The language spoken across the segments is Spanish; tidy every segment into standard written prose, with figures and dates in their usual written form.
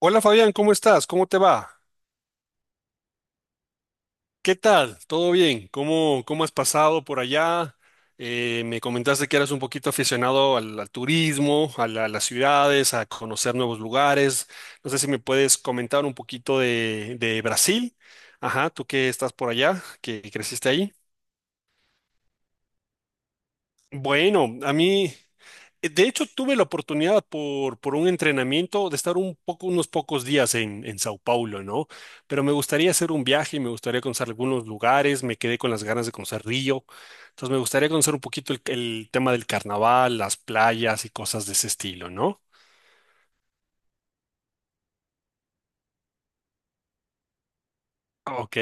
Hola Fabián, ¿cómo estás? ¿Cómo te va? ¿Qué tal? ¿Todo bien? ¿Cómo has pasado por allá? Me comentaste que eras un poquito aficionado al turismo, a las ciudades, a conocer nuevos lugares. No sé si me puedes comentar un poquito de Brasil. Ajá, tú que estás por allá, que creciste ahí. Bueno, a mí. De hecho, tuve la oportunidad por un entrenamiento de estar un poco, unos pocos días en Sao Paulo, ¿no? Pero me gustaría hacer un viaje, me gustaría conocer algunos lugares, me quedé con las ganas de conocer Río, entonces me gustaría conocer un poquito el tema del carnaval, las playas y cosas de ese estilo, ¿no? Ok,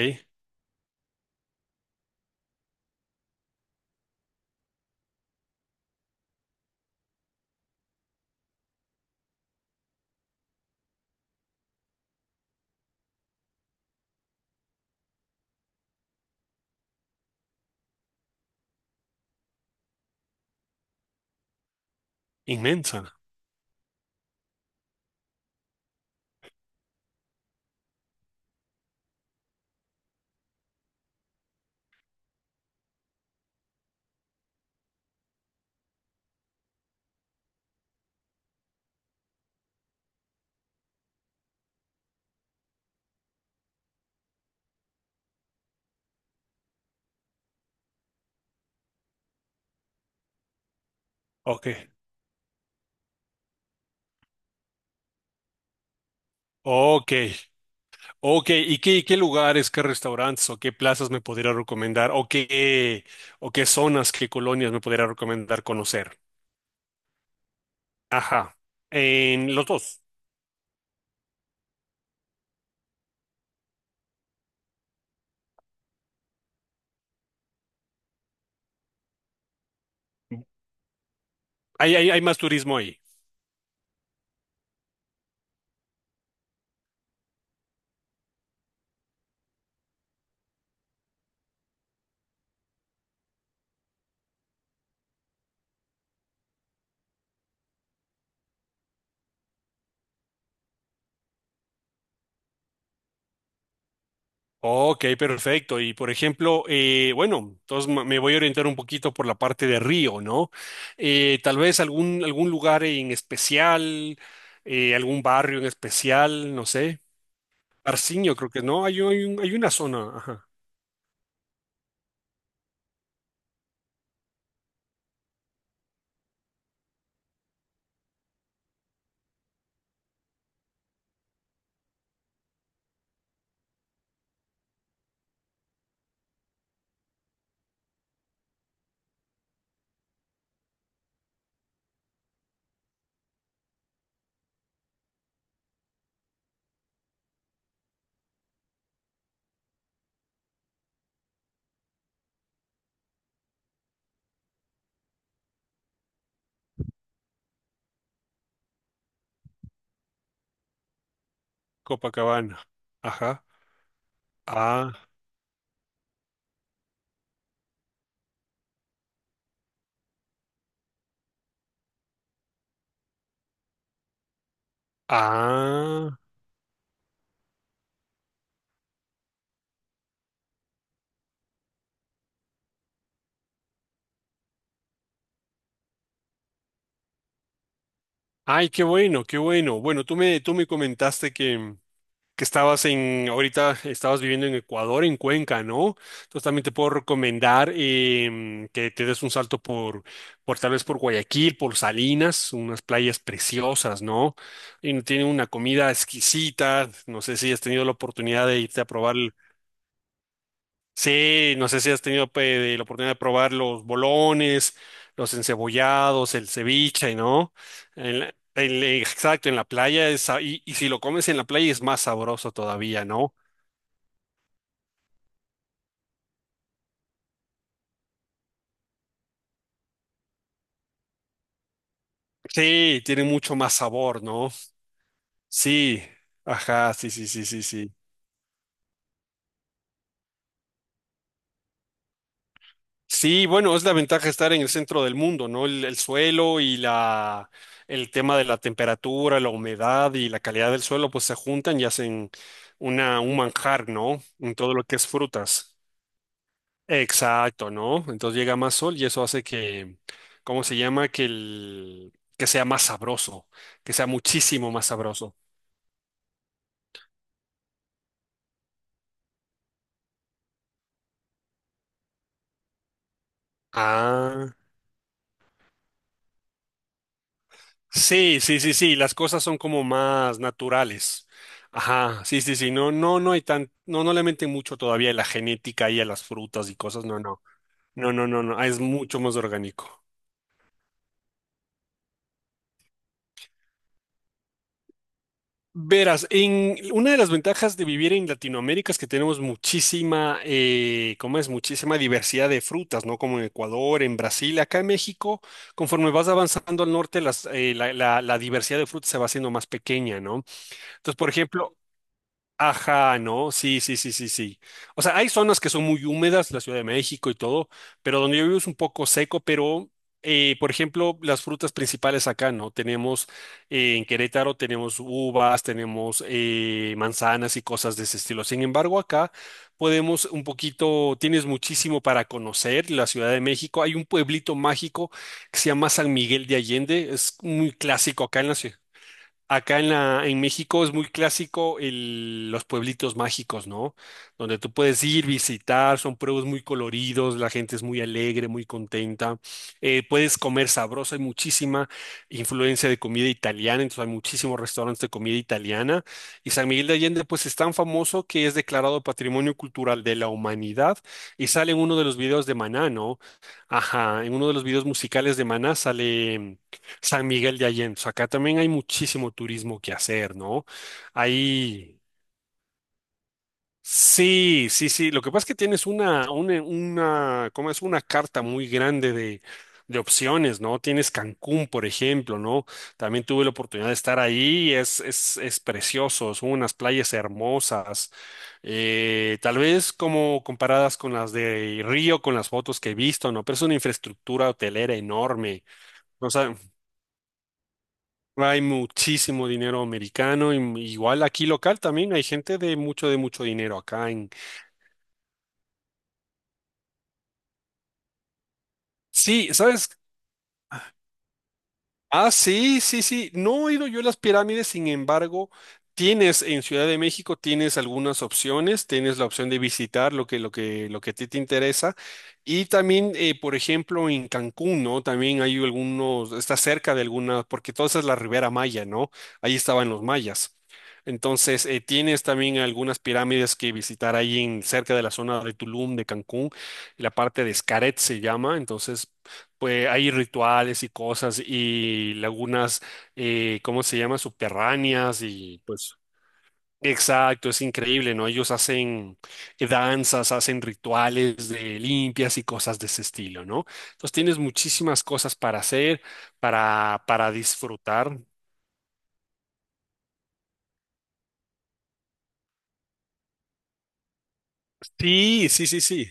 inmensa. Ok, ok, ok. ¿Y qué lugares, qué restaurantes o qué plazas me podría recomendar o qué zonas, qué colonias me podría recomendar conocer? Ajá. En los dos. Hay más turismo ahí. Ok, perfecto. Y por ejemplo, bueno, entonces me voy a orientar un poquito por la parte de Río, ¿no? Tal vez algún lugar en especial, algún barrio en especial, no sé. Parciño, creo que no. Hay, hay una zona, ajá. Copacabana. Ajá. Ah, ah. Ay, qué bueno, qué bueno. Bueno, tú me comentaste que estabas en, ahorita estabas viviendo en Ecuador, en Cuenca, ¿no? Entonces también te puedo recomendar que te des un salto por tal vez por Guayaquil, por Salinas, unas playas preciosas, ¿no? Y tienen una comida exquisita, no sé si has tenido la oportunidad de irte a probar, el- sí, no sé si has de la oportunidad de probar los bolones, los encebollados, el ceviche, ¿no? Exacto, en la playa es, y si lo comes en la playa es más sabroso todavía, ¿no? Sí, tiene mucho más sabor, ¿no? Sí, ajá, sí, sí, sí, sí, sí. Sí, bueno, es la ventaja de estar en el centro del mundo, ¿no? El suelo y la, el tema de la temperatura, la humedad y la calidad del suelo, pues se juntan y hacen una, un manjar, ¿no? En todo lo que es frutas. Exacto, ¿no? Entonces llega más sol y eso hace que, ¿cómo se llama? Que el, que sea más sabroso, que sea muchísimo más sabroso. Ah. Sí, sí, sí, sí, las cosas son como más naturales. Ajá, sí, sí, sí, no, hay tan, no, no le meten mucho todavía a la genética y a las frutas y cosas, no, no, no, no, no, no, es mucho más orgánico. Verás, en una de las ventajas de vivir en Latinoamérica es que tenemos muchísima, ¿cómo es? Muchísima diversidad de frutas, ¿no? Como en Ecuador, en Brasil, acá en México, conforme vas avanzando al norte, las, la diversidad de frutas se va haciendo más pequeña, ¿no? Entonces, por ejemplo, ajá, ¿no? Sí, sí, sí, sí, sí. O sea, hay zonas que son muy húmedas, la Ciudad de México y todo, pero donde yo vivo es un poco seco, pero, por ejemplo, las frutas principales acá, ¿no? Tenemos, en Querétaro tenemos uvas, tenemos manzanas y cosas de ese estilo. Sin embargo, acá podemos un poquito, tienes muchísimo para conocer la Ciudad de México. Hay un pueblito mágico que se llama San Miguel de Allende, es muy clásico acá en la ciudad. Acá en la, en México es muy clásico los pueblitos mágicos, ¿no? Donde tú puedes ir, visitar, son pueblos muy coloridos, la gente es muy alegre, muy contenta. Puedes comer sabroso, hay muchísima influencia de comida italiana, entonces hay muchísimos restaurantes de comida italiana. Y San Miguel de Allende, pues es tan famoso que es declarado Patrimonio Cultural de la Humanidad y sale en uno de los videos de Maná, ¿no? Ajá, en uno de los videos musicales de Maná sale. San Miguel de Allende. Acá también hay muchísimo turismo que hacer, ¿no? Hay... Sí, sí, sí. Lo que pasa es que tienes una, ¿cómo es? Una carta muy grande de opciones, ¿no? Tienes Cancún, por ejemplo, ¿no? También tuve la oportunidad de estar ahí. Es precioso. Son unas playas hermosas. Tal vez como comparadas con las de Río, con las fotos que he visto, ¿no? Pero es una infraestructura hotelera enorme. No, sa- hay muchísimo dinero americano, y m- igual aquí local también hay gente de mucho dinero acá en... Sí, ¿sabes? Ah, sí, sí, sí. No he ido yo a las pirámides, sin embargo, tienes en Ciudad de México, tienes algunas opciones, tienes la opción de visitar lo que, lo que a ti te interesa. Y también, por ejemplo, en Cancún, ¿no? También hay algunos, está cerca de algunas, porque toda esa es la Ribera Maya, ¿no? Ahí estaban los mayas. Entonces, tienes también algunas pirámides que visitar ahí en, cerca de la zona de Tulum, de Cancún, la parte de Xcaret se llama, entonces pues hay rituales y cosas y lagunas, ¿cómo se llama? Subterráneas y pues... Exacto, es increíble, ¿no? Ellos hacen danzas, hacen rituales de limpias y cosas de ese estilo, ¿no? Entonces tienes muchísimas cosas para hacer, para disfrutar. Sí, sí, sí, sí.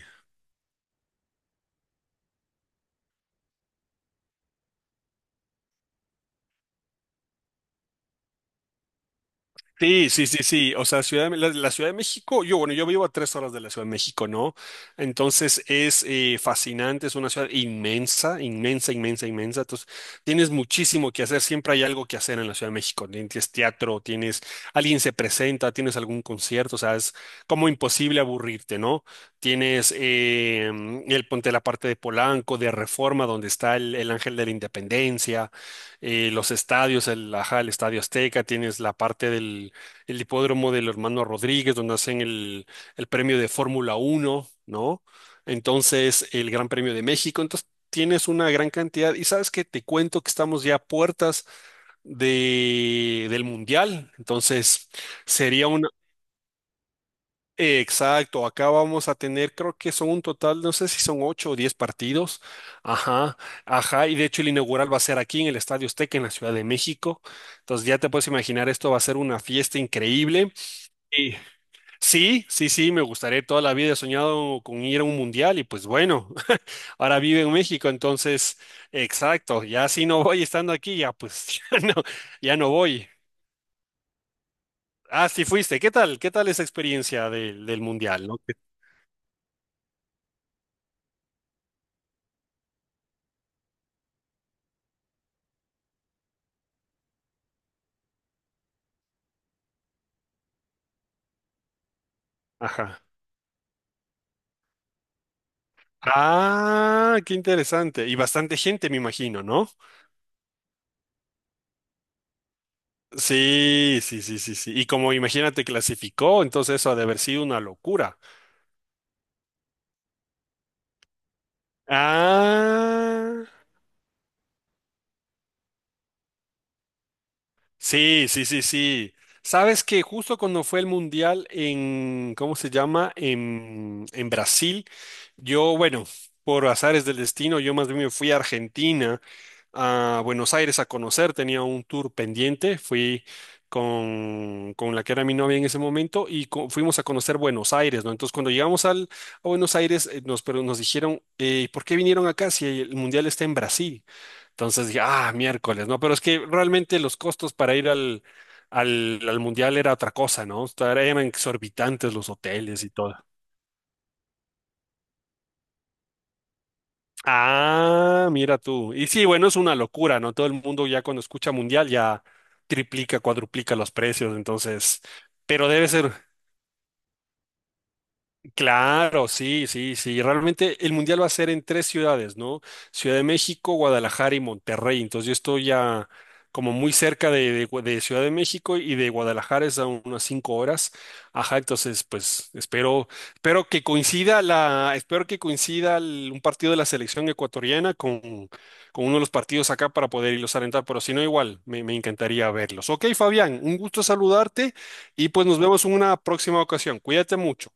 Sí, sí, sí, sí. O sea, la Ciudad de México, yo, bueno, yo vivo a 3 horas de la Ciudad de México, ¿no? Entonces es fascinante, es una ciudad inmensa, inmensa. Entonces tienes muchísimo que hacer, siempre hay algo que hacer en la Ciudad de México, ¿no? Tienes teatro, tienes, alguien se presenta, tienes algún concierto, o sea, es como imposible aburrirte, ¿no? Tienes el ponte la parte de Polanco, de Reforma, donde está el Ángel de la Independencia, los estadios, el, ajá, el Estadio Azteca, tienes la parte del el hipódromo del hermano Rodríguez, donde hacen el premio de Fórmula Uno, ¿no? Entonces, el Gran Premio de México. Entonces, tienes una gran cantidad. Y sabes que te cuento que estamos ya a puertas de, del Mundial. Entonces, sería una... exacto, acá vamos a tener, creo que son un total, no sé si son ocho o diez partidos. Ajá, ajá, y de hecho el inaugural va a ser aquí en el Estadio Azteca, en la Ciudad de México. Entonces ya te puedes imaginar, esto va a ser una fiesta increíble. Sí. Sí, sí, sí, me gustaría toda la vida. He soñado con ir a un mundial y pues bueno, ahora vive en México, entonces, exacto, ya si no voy estando aquí, ya pues ya no, ya no voy. Ah, sí fuiste. ¿Qué tal? ¿Qué tal esa experiencia del mundial, no? Ajá. Ah, qué interesante. Y bastante gente, me imagino, ¿no? Sí, sí, sí, sí, sí. Y como imagínate clasificó, entonces eso ha de haber sido una locura. Ah. Sí, sí, sí, sí. Sabes que justo cuando fue el mundial en, ¿cómo se llama? En Brasil, yo, bueno, por azares del destino, yo más bien me fui a Argentina, a Buenos Aires a conocer, tenía un tour pendiente, fui con la que era mi novia en ese momento y co- fuimos a conocer Buenos Aires, ¿no? Entonces cuando llegamos al, a Buenos Aires, nos, pero nos dijeron, ¿por qué vinieron acá si el mundial está en Brasil? Entonces dije, ah, miércoles, ¿no? Pero es que realmente los costos para ir al, al mundial era otra cosa, ¿no? O sea, eran exorbitantes los hoteles y todo. Ah, mira tú. Y sí, bueno, es una locura, ¿no? Todo el mundo ya cuando escucha mundial ya triplica, cuadruplica los precios, entonces, pero debe ser, claro, sí, sí, sí. Realmente el mundial va a ser en tres ciudades, ¿no? Ciudad de México, Guadalajara y Monterrey. Entonces yo estoy ya como muy cerca de de Ciudad de México y de Guadalajara es a unas 5 horas. Ajá, entonces pues espero, espero que coincida la, espero que coincida el- un partido de la selección ecuatoriana con uno de los partidos acá para poder irlos a alentar, pero si no igual, me encantaría verlos. Ok, Fabián, un gusto saludarte y pues nos vemos en una próxima ocasión. Cuídate mucho.